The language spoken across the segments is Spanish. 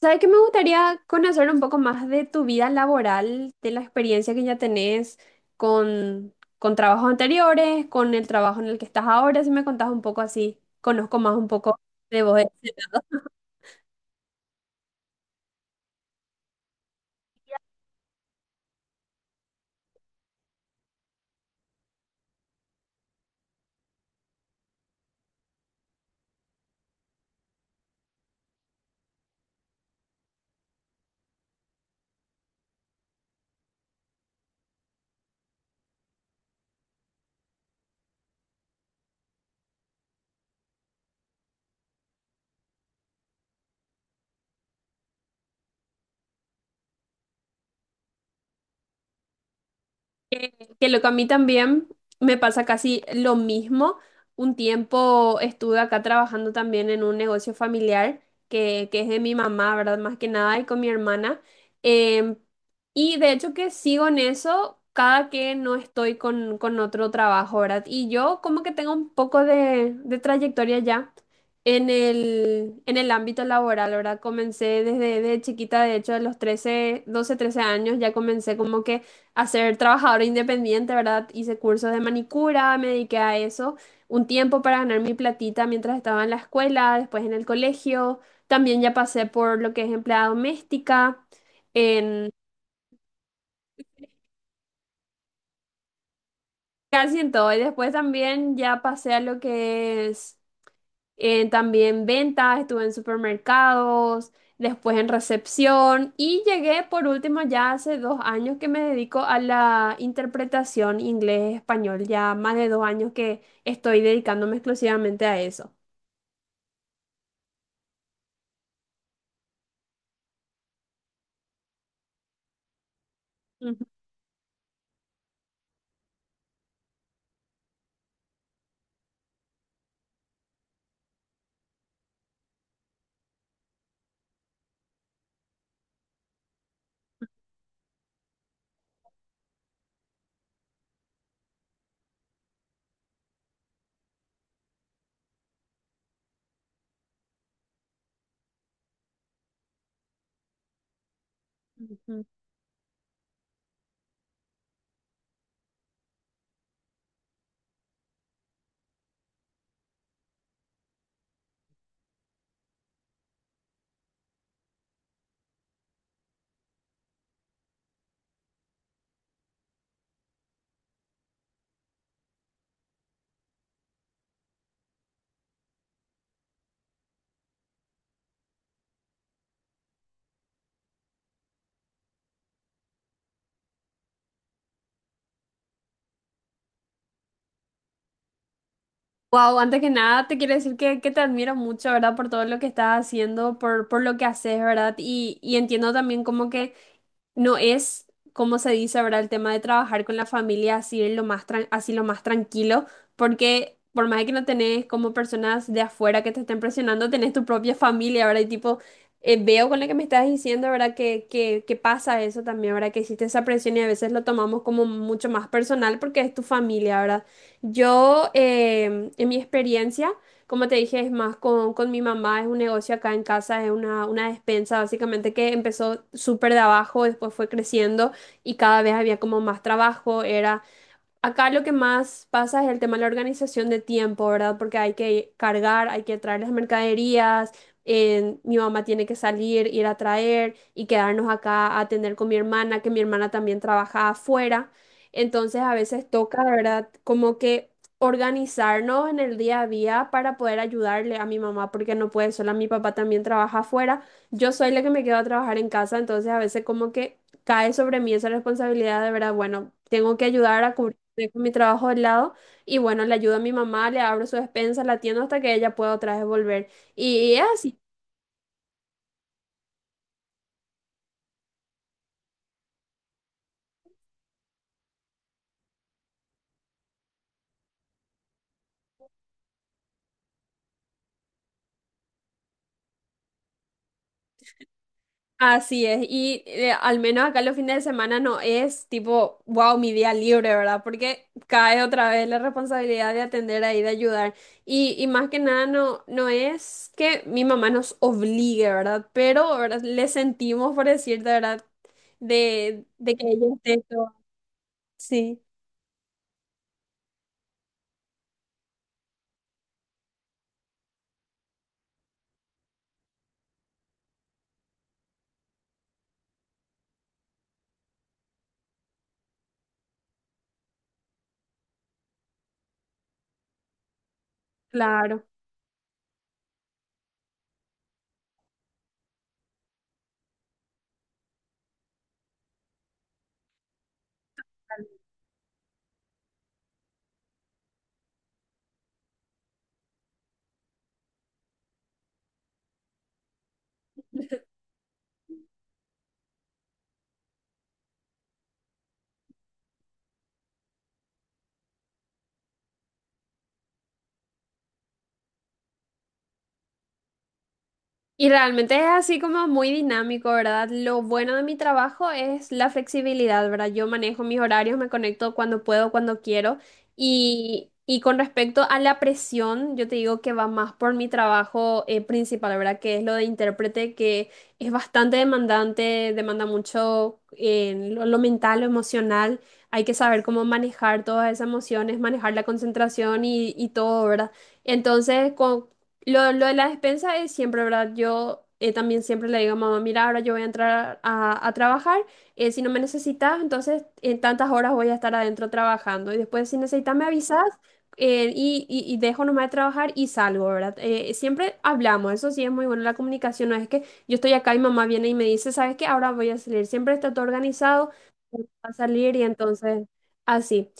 ¿Sabes qué me gustaría conocer un poco más de tu vida laboral, de la experiencia que ya tenés con trabajos anteriores, con el trabajo en el que estás ahora? Si me contás un poco así, conozco más un poco de vos. Que lo que a mí también me pasa casi lo mismo. Un tiempo estuve acá trabajando también en un negocio familiar que es de mi mamá, ¿verdad? Más que nada, y con mi hermana. Em, y de hecho que sigo en eso cada que no estoy con otro trabajo, ¿verdad? Y yo como que tengo un poco de trayectoria ya en el ámbito laboral, ¿verdad? Comencé desde chiquita, de hecho, a los 13 12 13 años, ya comencé como que a ser trabajadora independiente, ¿verdad? Hice cursos de manicura, me dediqué a eso un tiempo para ganar mi platita mientras estaba en la escuela, después en el colegio. También ya pasé por lo que es empleada doméstica, en casi en todo. Y después también ya pasé a lo que es también ventas, estuve en supermercados, después en recepción y llegué por último ya hace 2 años que me dedico a la interpretación inglés-español, ya más de dos años que estoy dedicándome exclusivamente a eso. Ujú, ujú. Wow, antes que nada te quiero decir que te admiro mucho, ¿verdad? Por todo lo que estás haciendo, por lo que haces, ¿verdad? Y entiendo también como que no es, como se dice, ¿verdad? El tema de trabajar con la familia así lo más tranquilo, porque por más de que no tenés como personas de afuera que te estén presionando, tenés tu propia familia, ¿verdad? Y tipo, veo con lo que me estás diciendo, ¿verdad? Que pasa eso también, ¿verdad? Que existe esa presión y a veces lo tomamos como mucho más personal porque es tu familia, ¿verdad? Yo, en mi experiencia, como te dije, es más con mi mamá, es un negocio acá en casa, es una despensa básicamente que empezó súper de abajo, después fue creciendo y cada vez había como más trabajo, era acá lo que más pasa es el tema de la organización de tiempo, ¿verdad? Porque hay que cargar, hay que traer las mercaderías, mi mamá tiene que salir, ir a traer y quedarnos acá a atender con mi hermana, que mi hermana también trabaja afuera. Entonces a veces toca, ¿verdad? Como que organizarnos en el día a día para poder ayudarle a mi mamá, porque no puede sola, mi papá también trabaja afuera, yo soy la que me quedo a trabajar en casa, entonces a veces como que cae sobre mí esa responsabilidad de verdad, bueno, tengo que ayudar a cubrir. Dejo mi trabajo de lado y bueno, le ayudo a mi mamá, le abro su despensa, la atiendo hasta que ella pueda otra vez volver. Y es así, así es. Y al menos acá los fines de semana no es tipo, wow, mi día libre, ¿verdad? Porque cae otra vez la responsabilidad de atender ahí, de ayudar. Y más que nada no es que mi mamá nos obligue, ¿verdad? Pero, ¿verdad? Le sentimos, por decirte, ¿verdad? De que ella esté todo. Sí, claro. Y realmente es así como muy dinámico, ¿verdad? Lo bueno de mi trabajo es la flexibilidad, ¿verdad? Yo manejo mis horarios, me conecto cuando puedo, cuando quiero. Y con respecto a la presión, yo te digo que va más por mi trabajo principal, ¿verdad? Que es lo de intérprete, que es bastante demandante, demanda mucho en lo mental, lo emocional. Hay que saber cómo manejar todas esas emociones, manejar la concentración y todo, ¿verdad? Entonces, lo de la despensa es siempre, ¿verdad? Yo también siempre le digo a mamá, mira, ahora yo voy a entrar a trabajar. Si no me necesitas, entonces en tantas horas voy a estar adentro trabajando y después si necesitas me avisas. Eh, y, y— y dejo nomás de trabajar y salgo, ¿verdad? Siempre hablamos, eso sí es muy bueno, la comunicación no es que yo estoy acá y mamá viene y me dice, ¿sabes qué? Ahora voy a salir, siempre está todo organizado, voy a salir y entonces así.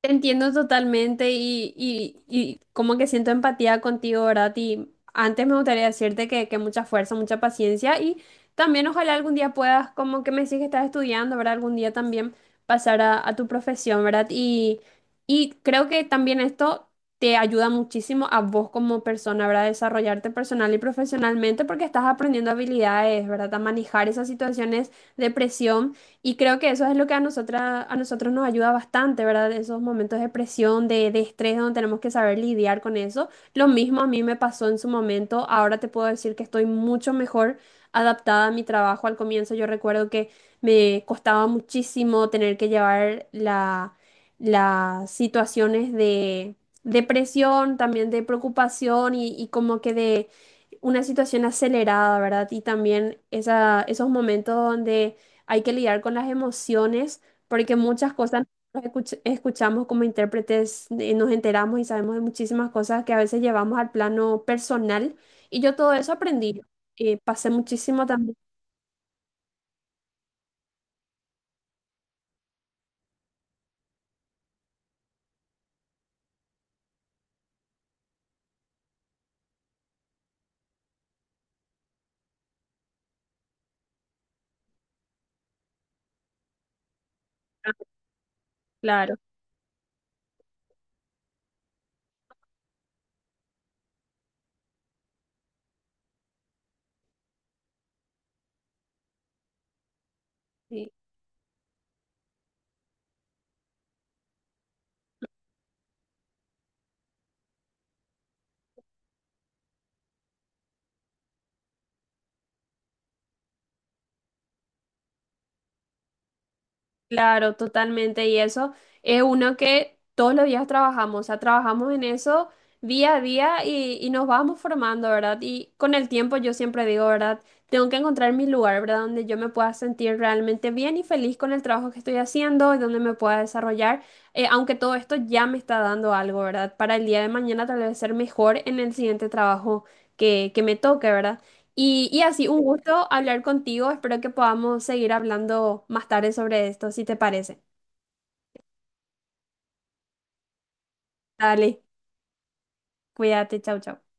Te entiendo totalmente y como que siento empatía contigo, ¿verdad? Y antes me gustaría decirte que mucha fuerza, mucha paciencia y también ojalá algún día puedas, como que me decís que estás estudiando, ¿verdad? Algún día también pasar a tu profesión, ¿verdad? Y creo que también esto te ayuda muchísimo a vos como persona, ¿verdad? Desarrollarte personal y profesionalmente porque estás aprendiendo habilidades, ¿verdad? A manejar esas situaciones de presión y creo que eso es lo que a nosotras, a nosotros nos ayuda bastante, ¿verdad? Esos momentos de presión, de estrés, donde tenemos que saber lidiar con eso. Lo mismo a mí me pasó en su momento. Ahora te puedo decir que estoy mucho mejor adaptada a mi trabajo. Al comienzo yo recuerdo que me costaba muchísimo tener que llevar la, las situaciones de presión, también de preocupación y como que de una situación acelerada, ¿verdad? Y también esa, esos momentos donde hay que lidiar con las emociones, porque muchas cosas nosotros escuch- escuchamos como intérpretes, nos enteramos y sabemos de muchísimas cosas que a veces llevamos al plano personal. Y yo todo eso aprendí. Pasé muchísimo también, ah, claro. sí. Claro, totalmente. Y eso es uno que todos los días trabajamos, o sea, trabajamos en eso día a día y nos vamos formando, ¿verdad? Y con el tiempo yo siempre digo, ¿verdad? Tengo que encontrar mi lugar, ¿verdad? Donde yo me pueda sentir realmente bien y feliz con el trabajo que estoy haciendo y donde me pueda desarrollar, aunque todo esto ya me está dando algo, ¿verdad? Para el día de mañana tal vez ser mejor en el siguiente trabajo que me toque, ¿verdad? Y así, un gusto hablar contigo. Espero que podamos seguir hablando más tarde sobre esto, si te parece. Dale, cuídate, chau, chau.